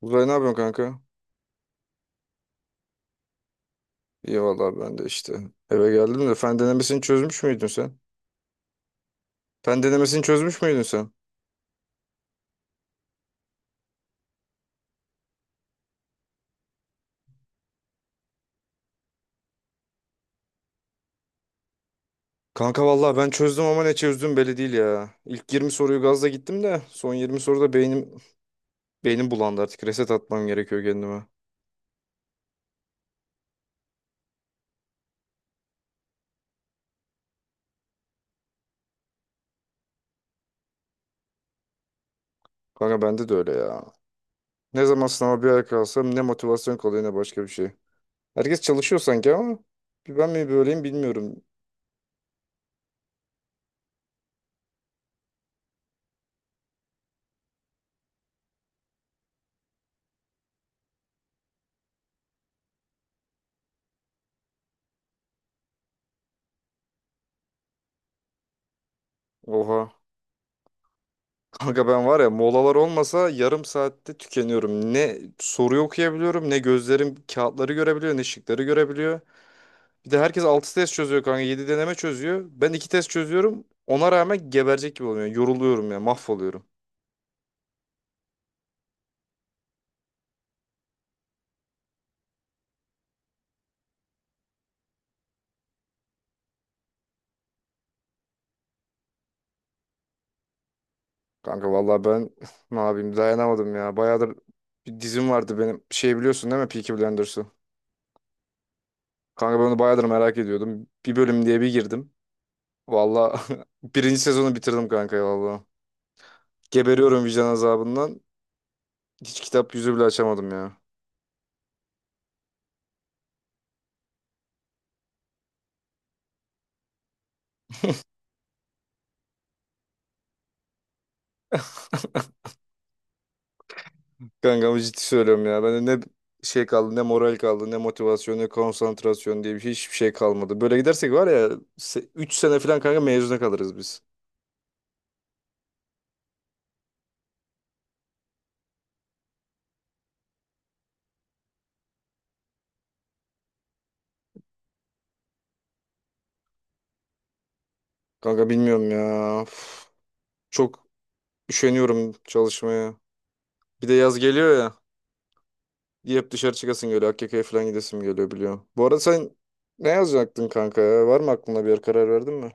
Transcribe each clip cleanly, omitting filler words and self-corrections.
Uzay ne yapıyorsun kanka? İyi vallahi ben de işte. Eve geldim de fen denemesini çözmüş müydün sen? Fen denemesini çözmüş müydün sen? Kanka vallahi ben çözdüm ama ne çözdüm belli değil ya. İlk 20 soruyu gazla gittim de son 20 soruda beynim bulandı artık. Reset atmam gerekiyor kendime. Kanka bende de öyle ya. Ne zaman sınava bir ay kalsam ne motivasyon kalıyor ne başka bir şey. Herkes çalışıyor sanki ama bir ben mi böyleyim bilmiyorum. Oha. Kanka ben var ya molalar olmasa yarım saatte tükeniyorum. Ne soruyu okuyabiliyorum, ne gözlerim kağıtları görebiliyor, ne şıkları görebiliyor. Bir de herkes 6 test çözüyor kanka, 7 deneme çözüyor. Ben 2 test çözüyorum. Ona rağmen geberecek gibi oluyor. Yoruluyorum ya, mahvoluyorum. Kanka vallahi ben ne yapayım dayanamadım ya. Bayağıdır bir dizim vardı benim. Şey biliyorsun değil mi Peaky Blinders'ı? Kanka ben onu bayağıdır merak ediyordum. Bir bölüm diye bir girdim. Vallahi birinci sezonu bitirdim kanka ya vallahi. Geberiyorum vicdan azabından. Hiç kitap yüzü bile açamadım ya. Kanka ama ciddi söylüyorum ya. Bende ne şey kaldı, ne moral kaldı, ne motivasyon, ne konsantrasyon diye bir şey, hiçbir şey kalmadı. Böyle gidersek var ya 3 sene falan kanka mezuna kalırız biz. Kanka bilmiyorum ya. Üf, çok üşeniyorum çalışmaya. Bir de yaz geliyor ya. Hep dışarı çıkasın geliyor. AKK'ya falan gidesim geliyor biliyorum. Bu arada sen ne yazacaktın kanka ya? Var mı aklında bir yer karar verdin mi?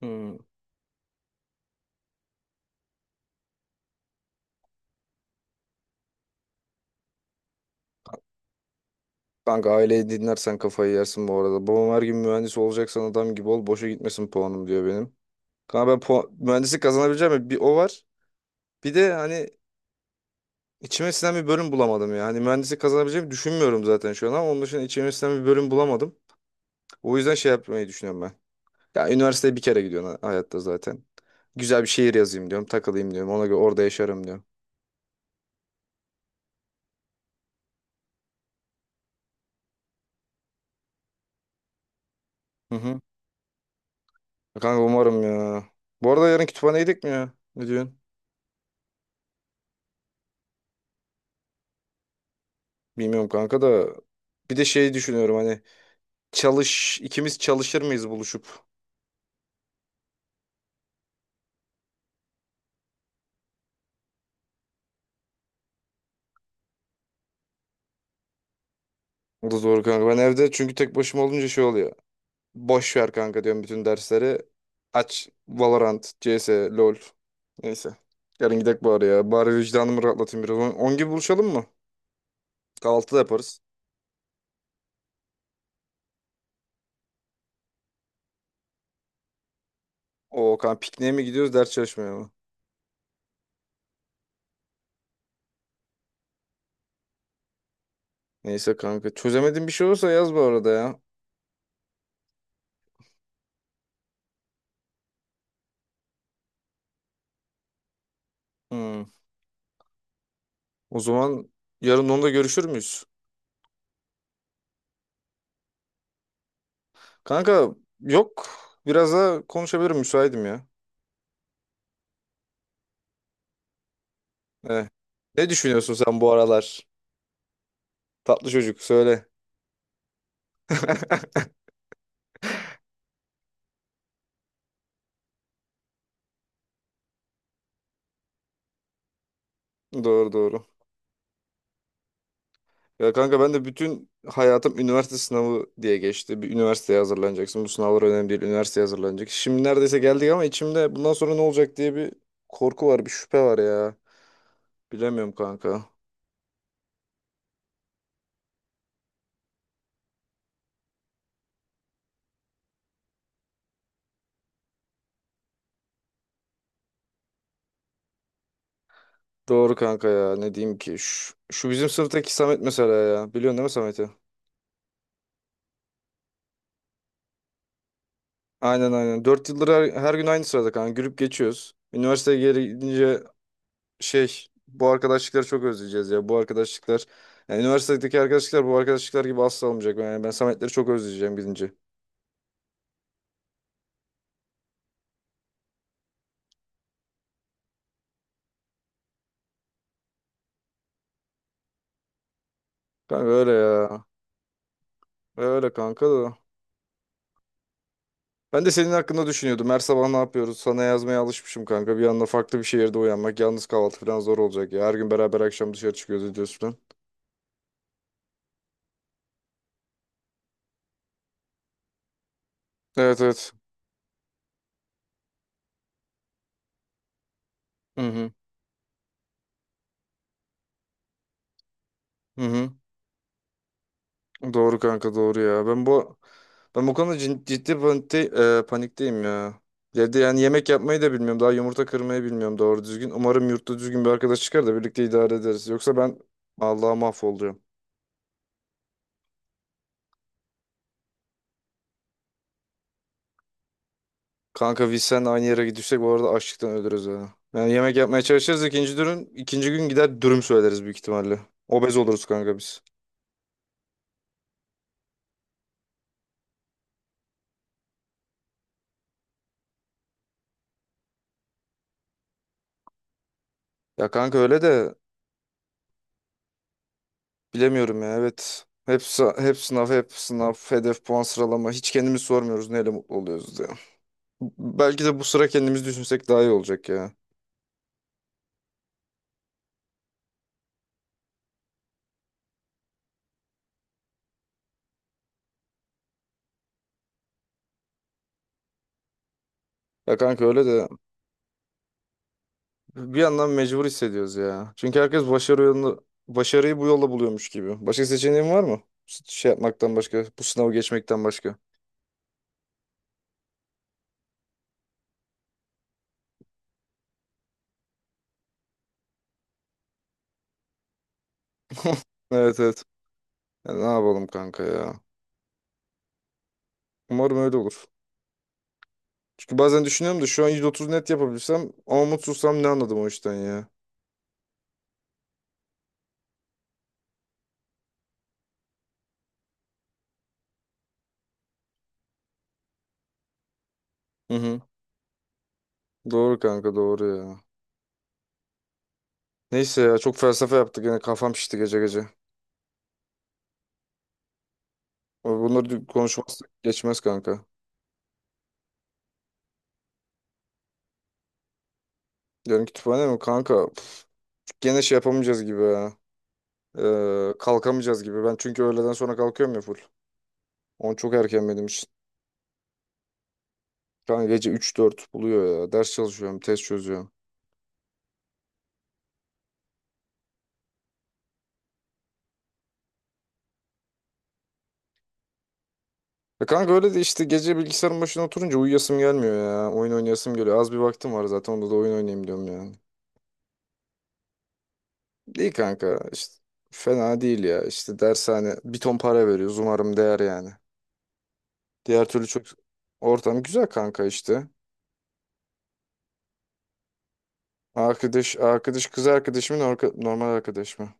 Hmm. Kanka aileyi dinlersen kafayı yersin bu arada. Babam her gün mühendis olacaksan adam gibi ol. Boşa gitmesin puanım diyor benim. Kanka ben puan, mühendislik kazanabileceğim mi? Bir o var. Bir de hani içime sinen bir bölüm bulamadım ya. Hani mühendislik kazanabileceğimi düşünmüyorum zaten şu an ama onun dışında içime sinen bir bölüm bulamadım. O yüzden şey yapmayı düşünüyorum ben. Ya üniversiteye bir kere gidiyorsun hayatta zaten. Güzel bir şehir yazayım diyorum. Takılayım diyorum. Ona göre orada yaşarım diyorum. Hı hı. Kanka umarım ya. Bu arada yarın kütüphaneye gidecek mi ya? Ne diyorsun? Bilmiyorum kanka da. Bir de şey düşünüyorum hani. Çalış, ikimiz çalışır mıyız buluşup? O da doğru kanka. Ben evde çünkü tek başıma olunca şey oluyor. Boş ver kanka diyorum bütün dersleri. Aç Valorant, CS, LoL. Neyse. Yarın gidek bari ya. Bari vicdanımı rahatlatayım biraz. On gibi buluşalım mı? Kahvaltıda yaparız. O kanka pikniğe mi gidiyoruz ders çalışmaya mı? Neyse kanka. Çözemediğin bir şey olursa yaz bu arada ya. Hmm. O zaman yarın onda görüşür müyüz? Kanka yok. Biraz daha konuşabilirim müsaitim ya. Eh. Ne düşünüyorsun sen bu aralar? Tatlı çocuk söyle. Doğru doğru. Ya kanka ben de bütün hayatım üniversite sınavı diye geçti. Bir üniversiteye hazırlanacaksın. Bu sınavlar önemli değil. Üniversiteye hazırlanacak. Şimdi neredeyse geldik ama içimde bundan sonra ne olacak diye bir korku var, bir şüphe var ya. Bilemiyorum kanka. Doğru kanka ya. Ne diyeyim ki? Şu bizim sınıftaki Samet mesela ya. Biliyorsun değil mi Samet'i? Aynen aynen. Dört yıldır her gün aynı sırada kanka. Gülüp geçiyoruz. Üniversiteye geri gidince şey bu arkadaşlıkları çok özleyeceğiz ya. Bu arkadaşlıklar yani üniversitedeki arkadaşlıklar bu arkadaşlıklar gibi asla olmayacak. Yani ben Sametleri çok özleyeceğim gidince. Kanka öyle ya. Öyle kanka da. Ben de senin hakkında düşünüyordum. Her sabah ne yapıyoruz? Sana yazmaya alışmışım kanka. Bir anda farklı bir şehirde uyanmak. Yalnız kahvaltı falan zor olacak ya. Her gün beraber akşam dışarı çıkıyoruz ediyoruz falan. Evet evet. Hı hı. Hı hı. Doğru kanka doğru ya. Ben bu konuda ciddi panikteyim ya. Evde yani yemek yapmayı da bilmiyorum. Daha yumurta kırmayı bilmiyorum doğru düzgün. Umarım yurtta düzgün bir arkadaş çıkar da birlikte idare ederiz. Yoksa ben Allah'a mahvoluyorum. Kanka sen aynı yere gidirsek bu arada açlıktan ölürüz ya. Yani yemek yapmaya çalışırız ikinci gün gider dürüm söyleriz büyük ihtimalle. Obez oluruz kanka biz. Ya kanka öyle de bilemiyorum ya evet. Hep sınav, hep sınav, hedef, puan sıralama. Hiç kendimiz sormuyoruz neyle mutlu oluyoruz ya. Belki de bu sıra kendimiz düşünsek daha iyi olacak ya. Ya kanka öyle de bir yandan mecbur hissediyoruz ya. Çünkü herkes başarı yolunu, başarıyı bu yolla buluyormuş gibi. Başka seçeneğin var mı? Şey yapmaktan başka, bu sınavı geçmekten başka. Evet evet. Ya ne yapalım kanka ya. Umarım öyle olur. Çünkü bazen düşünüyorum da şu an 130 net yapabilsem ama mutsuzsam ne anladım o işten ya. Hı hı. Doğru kanka doğru ya. Neyse ya çok felsefe yaptık yine kafam şişti gece gece. Bunları konuşmazsak geçmez kanka. Yarın kütüphane mi kanka? Pf, gene şey yapamayacağız gibi ya. Kalkamayacağız gibi. Ben çünkü öğleden sonra kalkıyorum ya full. Onu çok erken benim için. Kanka gece üç dört buluyor ya. Ders çalışıyorum, test çözüyorum. Ya kanka öyle de işte gece bilgisayarın başına oturunca uyuyasım gelmiyor ya. Oyun oynayasım geliyor. Az bir vaktim var zaten. Onda da oyun oynayayım diyorum yani. İyi kanka. İşte fena değil ya. İşte dershane bir ton para veriyoruz. Umarım değer yani. Diğer türlü çok ortam güzel kanka işte. Arkadaş, kız arkadaşımın normal arkadaş mı?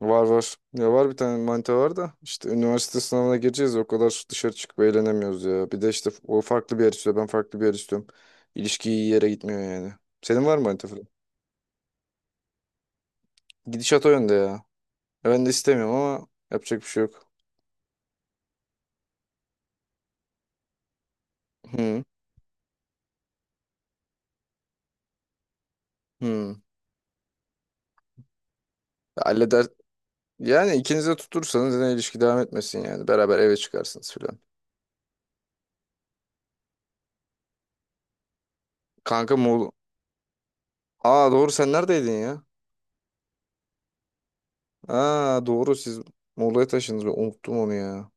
Var var. Ya var bir tane manita var da işte üniversite sınavına gireceğiz o kadar dışarı çıkıp eğlenemiyoruz ya. Bir de işte o farklı bir yer istiyor ben farklı bir yer istiyorum. İlişki iyi yere gitmiyor yani. Senin var mı manita falan? Gidişat o yönde ya. Ya ben de istemiyorum ama yapacak bir şey yok. Hı hı. Halleder. Yani ikiniz de tutursanız yine ilişki devam etmesin yani. Beraber eve çıkarsınız falan. Kanka Muğla. Aa doğru sen neredeydin ya? Aa doğru siz Muğla'ya taşındınız. Ben unuttum onu ya.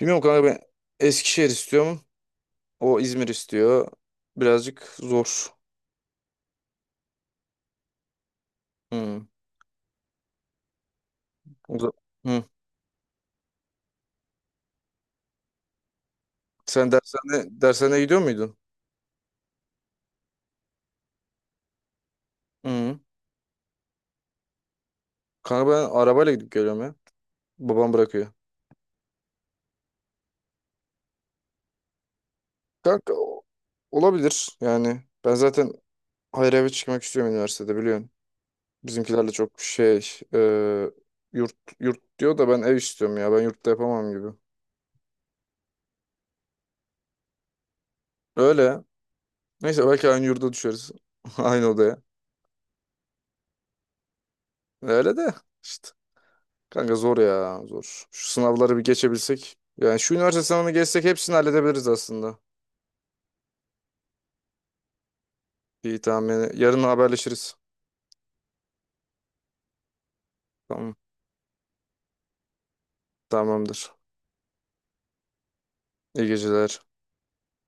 Bilmiyorum kanka ben Eskişehir istiyorum. O İzmir istiyor. Birazcık zor. Hı. O da- Hı. Dershaneye gidiyor muydun? Hı. Kanka ben arabayla gidip geliyorum ya. Babam bırakıyor. Kanka olabilir yani. Ben zaten hayır eve çıkmak istiyorum üniversitede biliyorsun. Bizimkilerle çok şey yurt yurt diyor da ben ev istiyorum ya. Ben yurtta yapamam gibi. Öyle. Neyse belki aynı yurda düşeriz. Aynı odaya. Öyle de. İşte. Kanka zor ya zor. Şu sınavları bir geçebilsek. Yani şu üniversite sınavını geçsek hepsini halledebiliriz aslında. İyi tamam yani yarın haberleşiriz. Tamam tamamdır. İyi geceler.